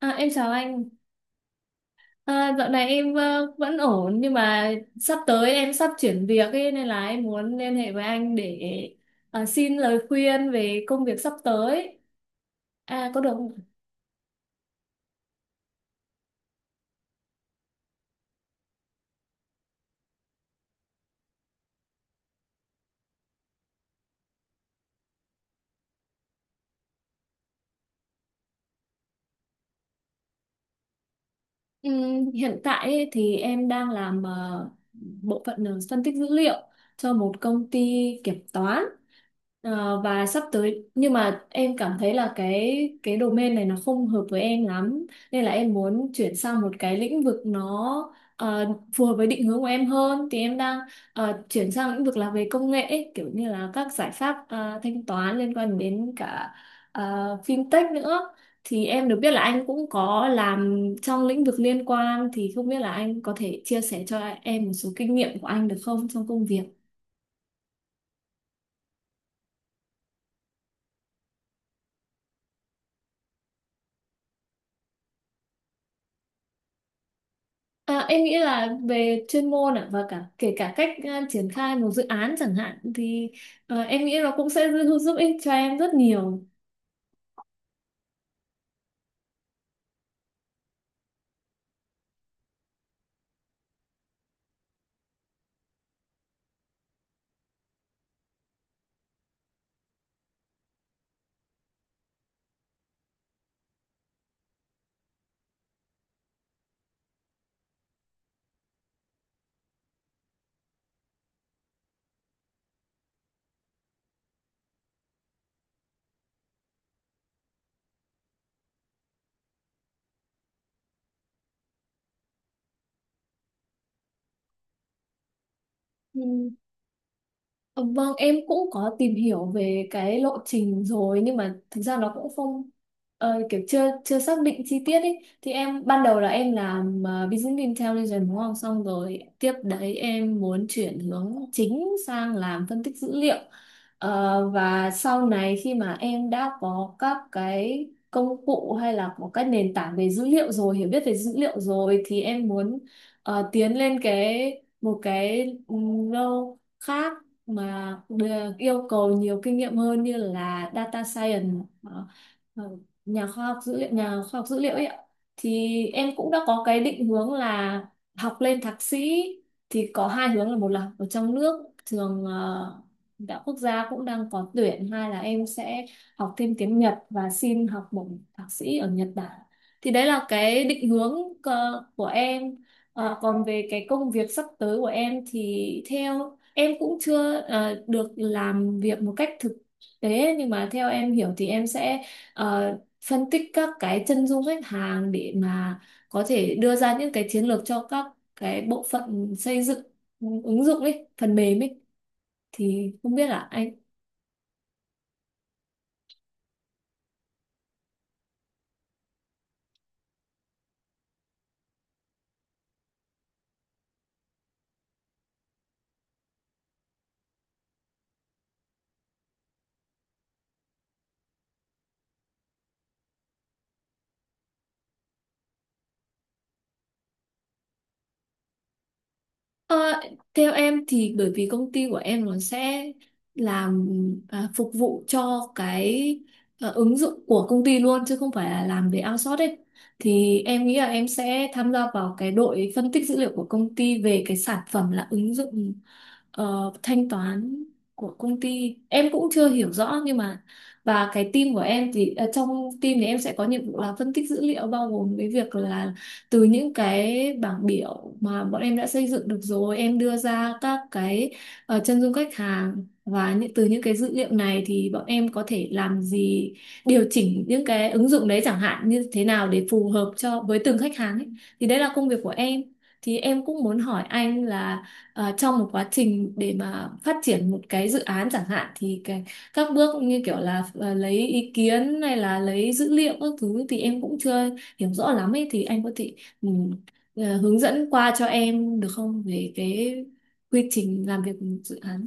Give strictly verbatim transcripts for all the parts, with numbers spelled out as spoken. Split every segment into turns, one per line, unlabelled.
À, em chào anh. À, dạo này em ờ, vẫn ổn nhưng mà sắp tới em sắp chuyển việc ấy, nên là em muốn liên hệ với anh để ờ, xin lời khuyên về công việc sắp tới. À, có được không? Ừm, hiện tại ấy, thì em đang làm ờ, bộ phận ờ, phân tích dữ liệu cho một công ty kiểm toán. Ờ, và sắp tới nhưng mà em cảm thấy là cái cái domain này nó không hợp với em lắm, nên là em muốn chuyển sang một cái lĩnh vực nó ờ, phù hợp với định hướng của em hơn thì em đang ờ, chuyển sang lĩnh vực là về công nghệ ấy, kiểu như là các giải pháp ờ, thanh toán liên quan đến cả ờ, fintech nữa. Thì em được biết là anh cũng có làm trong lĩnh vực liên quan thì không biết là anh có thể chia sẻ cho em một số kinh nghiệm của anh được không trong công việc. À, em nghĩ là về chuyên môn ạ và cả kể cả cách à, triển khai một dự án chẳng hạn thì à, em nghĩ nó cũng sẽ giúp, giúp ích cho em rất nhiều. Ừ. Ờ, vâng, em cũng có tìm hiểu về cái lộ trình rồi nhưng mà thực ra nó cũng không ờ, kiểu chưa chưa xác định chi tiết ấy. Thì em ban đầu là em làm ờ, business intelligence đúng không? Xong rồi tiếp đấy em muốn chuyển hướng chính sang làm phân tích dữ liệu. Ờ, và sau này khi mà em đã có các cái công cụ hay là có các nền tảng về dữ liệu rồi, hiểu biết về dữ liệu rồi thì em muốn ờ, tiến lên cái một cái ừ, khác mà được yêu cầu nhiều kinh nghiệm hơn như là data science, ờ, ờ, nhà khoa học dữ liệu nhà khoa học dữ liệu ấy ạ. Thì em cũng đã có cái định hướng là học lên thạc sĩ, thì có hai hướng là một là học ở trong nước trường ờ, đạo quốc gia cũng đang có tuyển, hai là em sẽ học thêm tiếng Nhật và xin học bổng thạc sĩ ở Nhật Bản. Thì đấy là cái định hướng ờ, của em. Ờ, còn về cái công việc sắp tới của em thì theo, em cũng chưa ờ, được làm việc một cách thực tế nhưng mà theo em hiểu thì em sẽ ờ, phân tích các cái chân dung khách hàng để mà có thể đưa ra những cái chiến lược cho các cái bộ phận xây dựng ứng dụng ấy, phần mềm ấy. Thì không biết là anh, ờ, theo em thì bởi vì công ty của em nó sẽ làm, à, phục vụ cho cái à, ứng dụng của công ty luôn chứ không phải là làm về outsource ấy. Thì em nghĩ là em sẽ tham gia vào cái đội phân tích dữ liệu của công ty về cái sản phẩm là ứng dụng ờ, thanh toán của công ty, em cũng chưa hiểu rõ nhưng mà, và cái team của em thì ờ, trong team thì em sẽ có nhiệm vụ là phân tích dữ liệu bao gồm cái việc là từ những cái bảng biểu mà bọn em đã xây dựng được rồi em đưa ra các cái ờ, chân dung khách hàng và những từ những cái dữ liệu này thì bọn em có thể làm gì, điều chỉnh những cái ứng dụng đấy chẳng hạn như thế nào để phù hợp cho với từng khách hàng ấy. Thì đấy là công việc của em. Thì em cũng muốn hỏi anh là ờ, trong một quá trình để mà phát triển một cái dự án chẳng hạn thì cái, các bước như kiểu là ờ, lấy ý kiến hay là lấy dữ liệu các thứ thì em cũng chưa hiểu rõ lắm ấy, thì anh có thể ừ, ờ, hướng dẫn qua cho em được không về cái quy trình làm việc dự án.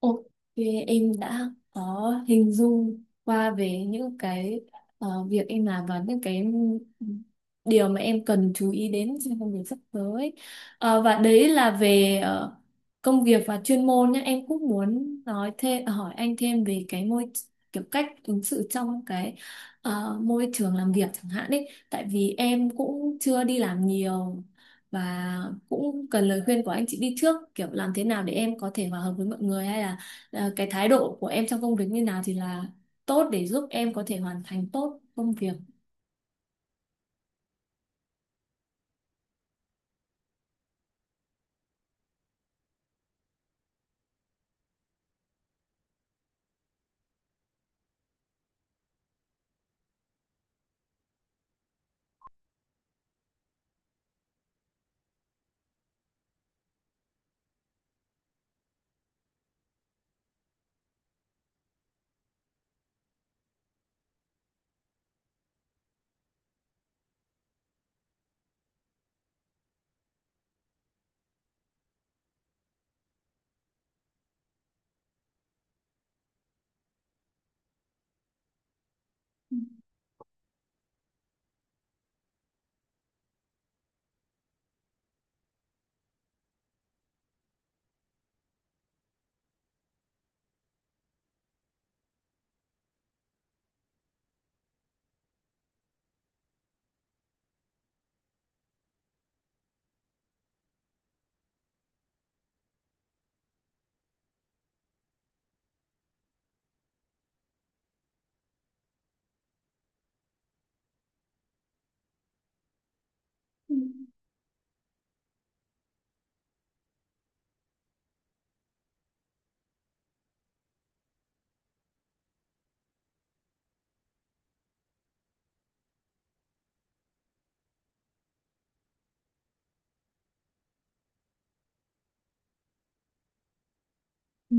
Ok, em đã có hình dung qua về những cái ờ, việc em làm và những cái điều mà em cần chú ý đến trong công việc sắp tới. Ờ, và đấy là về ờ, công việc và chuyên môn nhé. Em cũng muốn nói thêm hỏi anh thêm về cái môi, kiểu cách ứng xử trong cái ờ, môi trường làm việc chẳng hạn đấy. Tại vì em cũng chưa đi làm nhiều và cũng cần lời khuyên của anh chị đi trước kiểu làm thế nào để em có thể hòa hợp với mọi người hay là ờ, cái thái độ của em trong công việc như nào thì là tốt để giúp em có thể hoàn thành tốt công việc. Ừ. Ừ.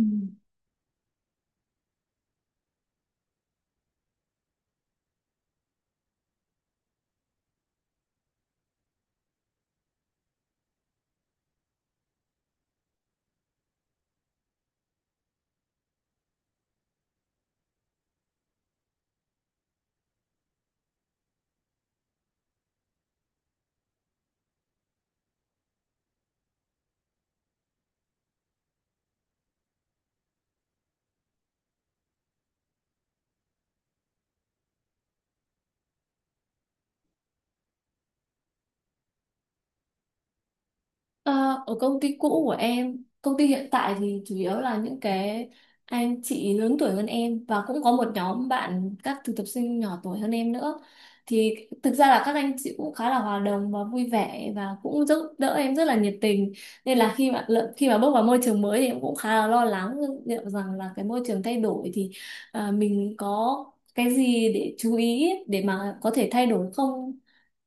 Ờ, ở công ty cũ của em, công ty hiện tại thì chủ yếu là những cái anh chị lớn tuổi hơn em và cũng có một nhóm bạn các thực tập sinh nhỏ tuổi hơn em nữa. Thì thực ra là các anh chị cũng khá là hòa đồng và vui vẻ và cũng giúp đỡ em rất là nhiệt tình. Nên là khi mà lợ- khi mà bước vào môi trường mới thì em cũng khá là lo lắng liệu rằng là cái môi trường thay đổi thì à, mình có cái gì để chú ý để mà có thể thay đổi không?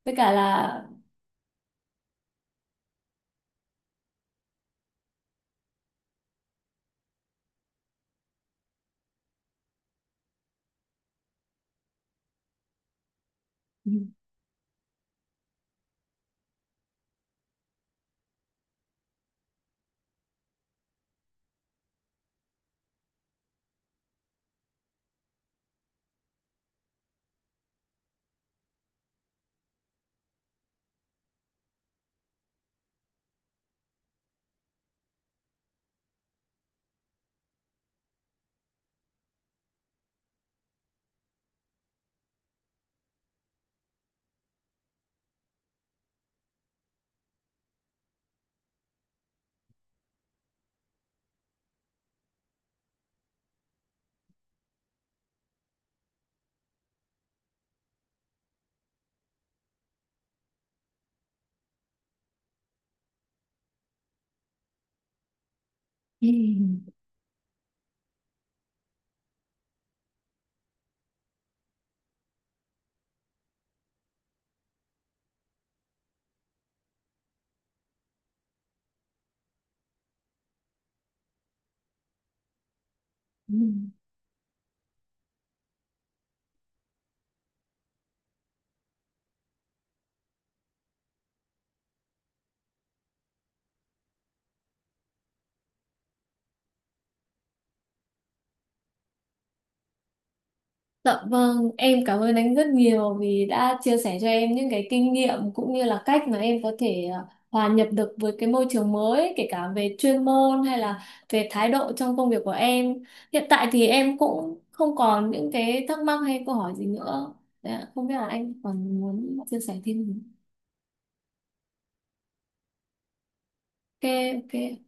Với cả là Ừ. Ừ. Dạ vâng, em cảm ơn anh rất nhiều vì đã chia sẻ cho em những cái kinh nghiệm cũng như là cách mà em có thể ờ, hòa nhập được với cái môi trường mới, kể cả về chuyên môn hay là về thái độ trong công việc của em. Hiện tại thì em cũng không còn những cái thắc mắc hay câu hỏi gì nữa. Đấy, ạ, không biết là anh còn muốn chia sẻ thêm gì. Ok, ok.